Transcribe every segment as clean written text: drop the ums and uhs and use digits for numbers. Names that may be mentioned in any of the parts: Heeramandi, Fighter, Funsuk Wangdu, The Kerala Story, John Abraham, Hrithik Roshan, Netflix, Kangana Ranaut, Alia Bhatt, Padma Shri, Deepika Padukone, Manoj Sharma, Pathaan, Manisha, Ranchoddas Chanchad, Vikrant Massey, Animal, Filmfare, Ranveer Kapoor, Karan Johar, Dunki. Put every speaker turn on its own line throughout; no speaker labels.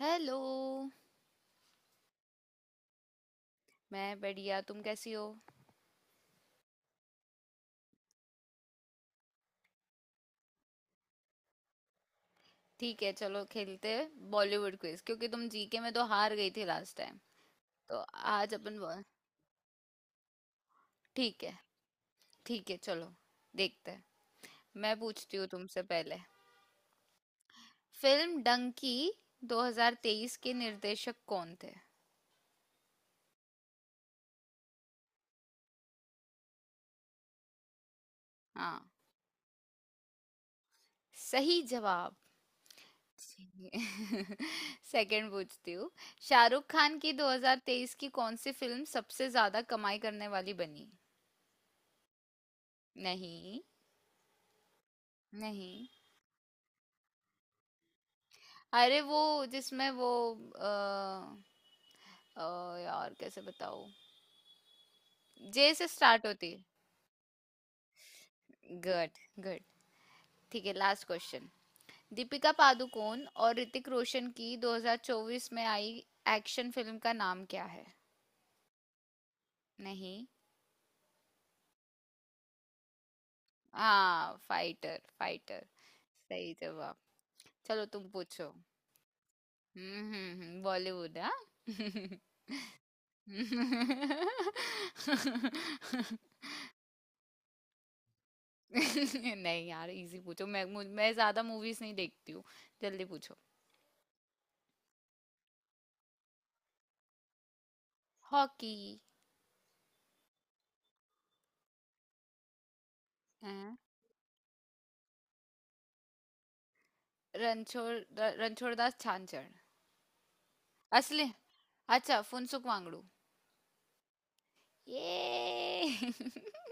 Hello. मैं बढ़िया, तुम कैसी हो? ठीक है, चलो खेलते हैं बॉलीवुड क्विज क्योंकि तुम जीके में तो हार गई थी लास्ट टाइम। तो आज अपन बो- ठीक है। ठीक है, चलो देखते हैं। मैं पूछती हूँ तुमसे पहले। फिल्म डंकी 2023 के निर्देशक कौन थे? हाँ। सही जवाब। सेकंड पूछती हूँ। शाहरुख खान की 2023 की कौन सी फिल्म सबसे ज्यादा कमाई करने वाली बनी? नहीं। नहीं। अरे वो जिसमें वो अ, यार कैसे बताओ। जे से स्टार्ट होती है। गुड। गुड। ठीक है, लास्ट क्वेश्चन। दीपिका पादुकोण और ऋतिक रोशन की 2024 में आई एक्शन फिल्म का नाम क्या है? नहीं। हाँ, फाइटर फाइटर। सही जवाब। चलो, तुम पूछो। हम्म, बॉलीवुड, हाँ। नहीं यार, इजी पूछो। मैं ज्यादा मूवीज नहीं देखती हूँ। जल्दी पूछो। हॉकी। हाँ। रणछोड़। रणछोड़दास छानछड़। असली। अच्छा, फुनसुक वांगडू। ये।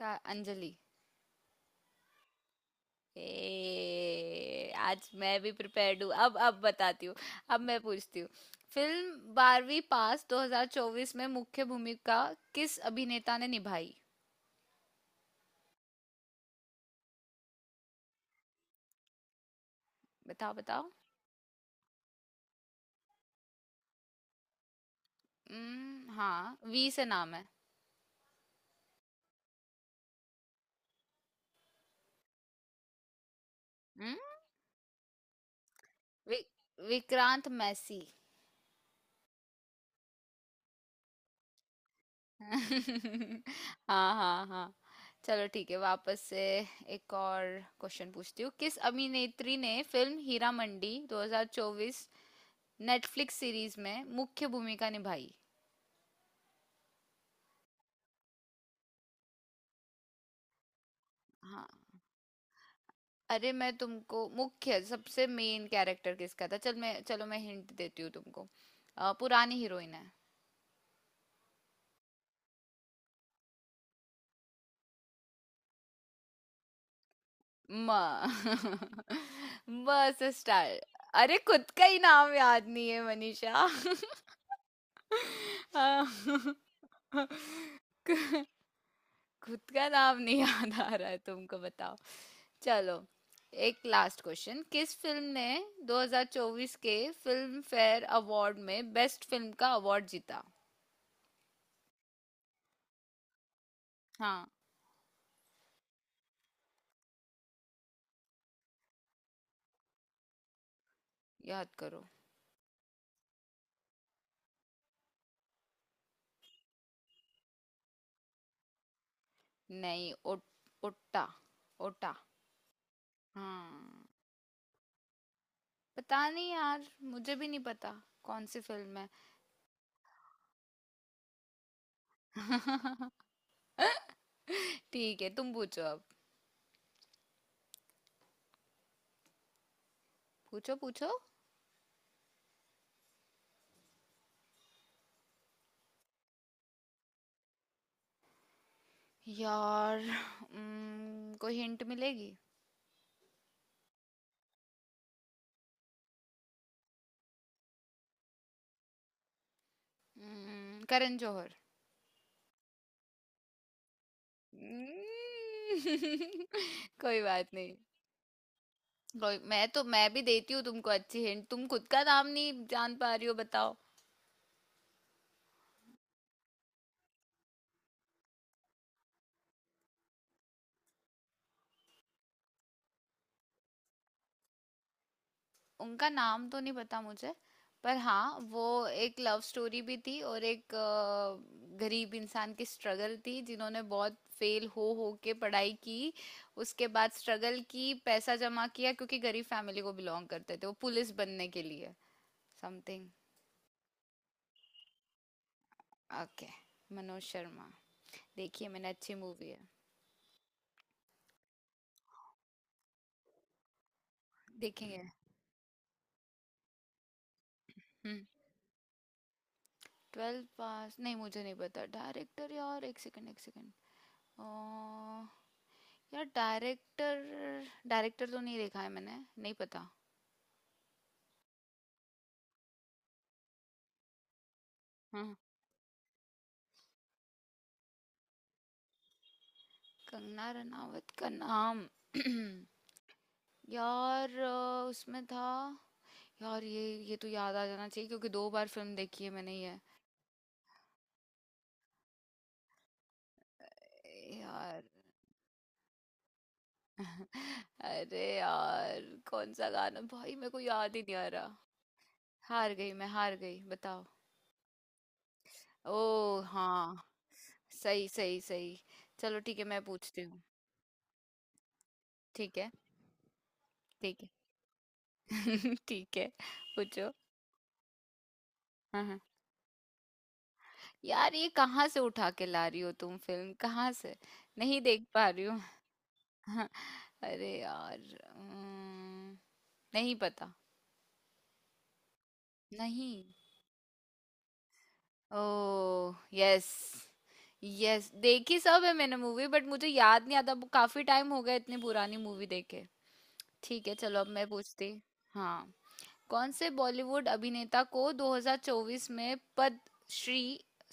का अंजलि। ए, आज मैं भी प्रिपेयर्ड हूँ। अब बताती हूँ। अब मैं पूछती हूँ। फिल्म बारहवीं पास 2024 में मुख्य भूमिका किस अभिनेता ने निभाई? बताओ बताओ। हम्म, हाँ, वी से नाम है। हम्म, वि, विक्रांत मैसी। हाँ हाँ हाँ। चलो ठीक है, वापस से। एक और क्वेश्चन पूछती हूँ। किस अभिनेत्री ने film Heera Mandi 2024 Netflix series में मुख्य भूमिका निभाई? हाँ। अरे मैं तुमको मुख्य, सबसे मेन कैरेक्टर किसका था, चल मैं चलो मैं हिंट देती हूँ तुमको। पुरानी हीरोइन है। म म से स्टार। अरे खुद का ही नाम याद नहीं है मनीषा। अ, क- खुद का नाम नहीं याद आ रहा है तुमको, बताओ। चलो। एक लास्ट क्वेश्चन। किस फिल्म ने 2024 के फिल्म फेयर अवार्ड में बेस्ट फिल्म का अवार्ड जीता? हाँ। याद करो। नहीं। ओटा। ओटा। हाँ। पता नहीं यार, मुझे भी नहीं पता कौन सी फिल्म है। ठीक है, तुम पूछो अब। पूछो पूछो। यार, कोई हिंट मिलेगी? करण जौहर। उम्म, कोई बात नहीं। कोई, मैं भी देती हूँ तुमको अच्छी हिंट, तुम खुद का नाम नहीं जान पा रही हो, बताओ। उनका नाम तो नहीं पता मुझे, पर हाँ वो एक लव स्टोरी भी थी और एक गरीब इंसान की स्ट्रगल थी जिन्होंने बहुत फेल हो के पढ़ाई की। उसके बाद स्ट्रगल की, पैसा जमा किया क्योंकि गरीब फैमिली को बिलोंग करते थे, वो पुलिस बनने के लिए। समथिंग। ओके, मनोज शर्मा। देखिए, मैंने अच्छी मूवी है। देखेंगे। हम्म। ट्वेल्व पास, नहीं मुझे नहीं पता डायरेक्टर यार। एक सेकंड, एक सेकंड। यार डायरेक्टर। डायरेक्टर तो नहीं देखा है मैंने, नहीं पता। हाँ। कंगना रनावत का नाम। यार उसमें था। यार ये तो याद आ जाना चाहिए क्योंकि दो बार फिल्म देखी है मैंने ये। यार। अरे यार, कौन सा गाना भाई, मेरे को याद ही नहीं आ रहा। हार गई मैं, हार गई, बताओ। ओ हाँ। सही सही सही। चलो ठीक है, मैं पूछती हूँ। ठीक है। ठीक है। ठीक है। पूछो। हाँ हाँ। यार ये कहाँ से उठा के ला रही हो तुम, फिल्म कहाँ से? नहीं देख पा रही हूँ। अरे यार, अम्म, नहीं पता। नहीं। Oh yes. यस, देखी सब है मैंने मूवी, बट मुझे याद नहीं आता, काफी टाइम हो गया इतनी पुरानी मूवी देखे। ठीक है, चलो अब मैं पूछती। हाँ। कौन से बॉलीवुड अभिनेता को 2024 में पद्मश्री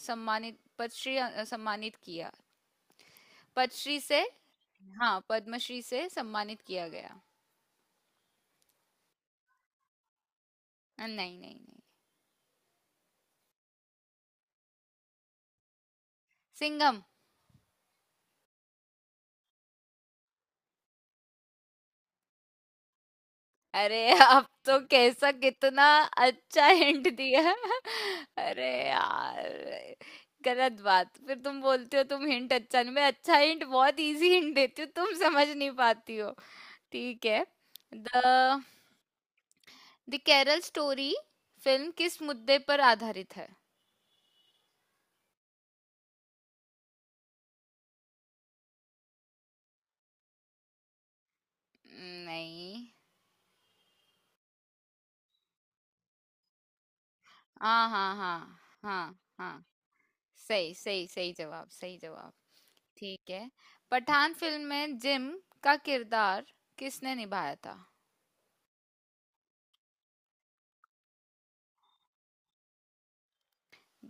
सम्मानित, पद्मश्री सम्मानित किया, पद्मश्री से? हाँ, पद्मश्री से सम्मानित किया गया। नहीं नहीं नहीं। सिंघम। अरे अब तो कैसा, कितना अच्छा हिंट दिया। अरे यार। गलत बात, फिर तुम बोलते हो तुम हिंट अच्छा नहीं। मैं अच्छा हिंट, बहुत इजी हिंट देती हूँ, तुम समझ नहीं पाती हो। ठीक है। The the Kerala story film किस मुद्दे पर आधारित है? नहीं। हाँ हाँ हाँ। हाँ हाँ। सही सही सही जवाब, सही जवाब। ठीक है। पठान फिल्म में जिम का किरदार किसने निभाया था?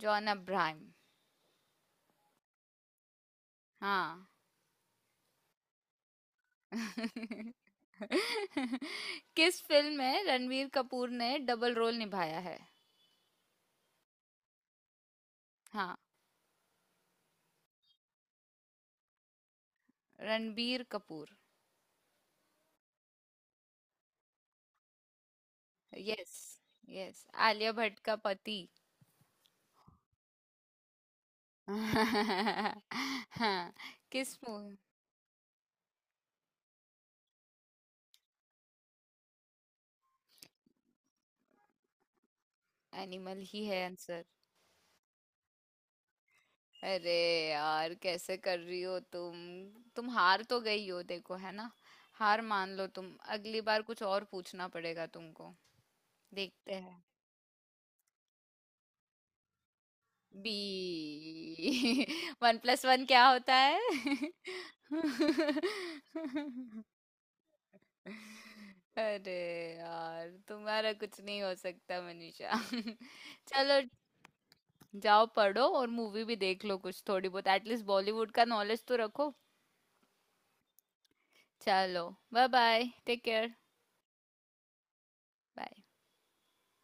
John Abraham. हाँ। किस फिल्म में रणवीर कपूर ने डबल रोल निभाया है? हाँ। रणबीर कपूर। यस। यस, आलिया भट्ट का पति। हाँ। किस मूवी? एनिमल ही है आंसर। अरे यार, कैसे कर रही हो तुम? तुम हार तो गई हो देखो, है ना? हार मान लो तुम। अगली बार कुछ और पूछना पड़ेगा तुमको। देखते हैं। बी। 1+1 क्या होता है? अरे यार, तुम्हारा कुछ नहीं हो सकता मनीषा। चलो, जाओ पढ़ो और मूवी भी देख लो कुछ थोड़ी बहुत, एटलीस्ट बॉलीवुड का नॉलेज तो रखो। चलो। Bye bye, take care. Bye.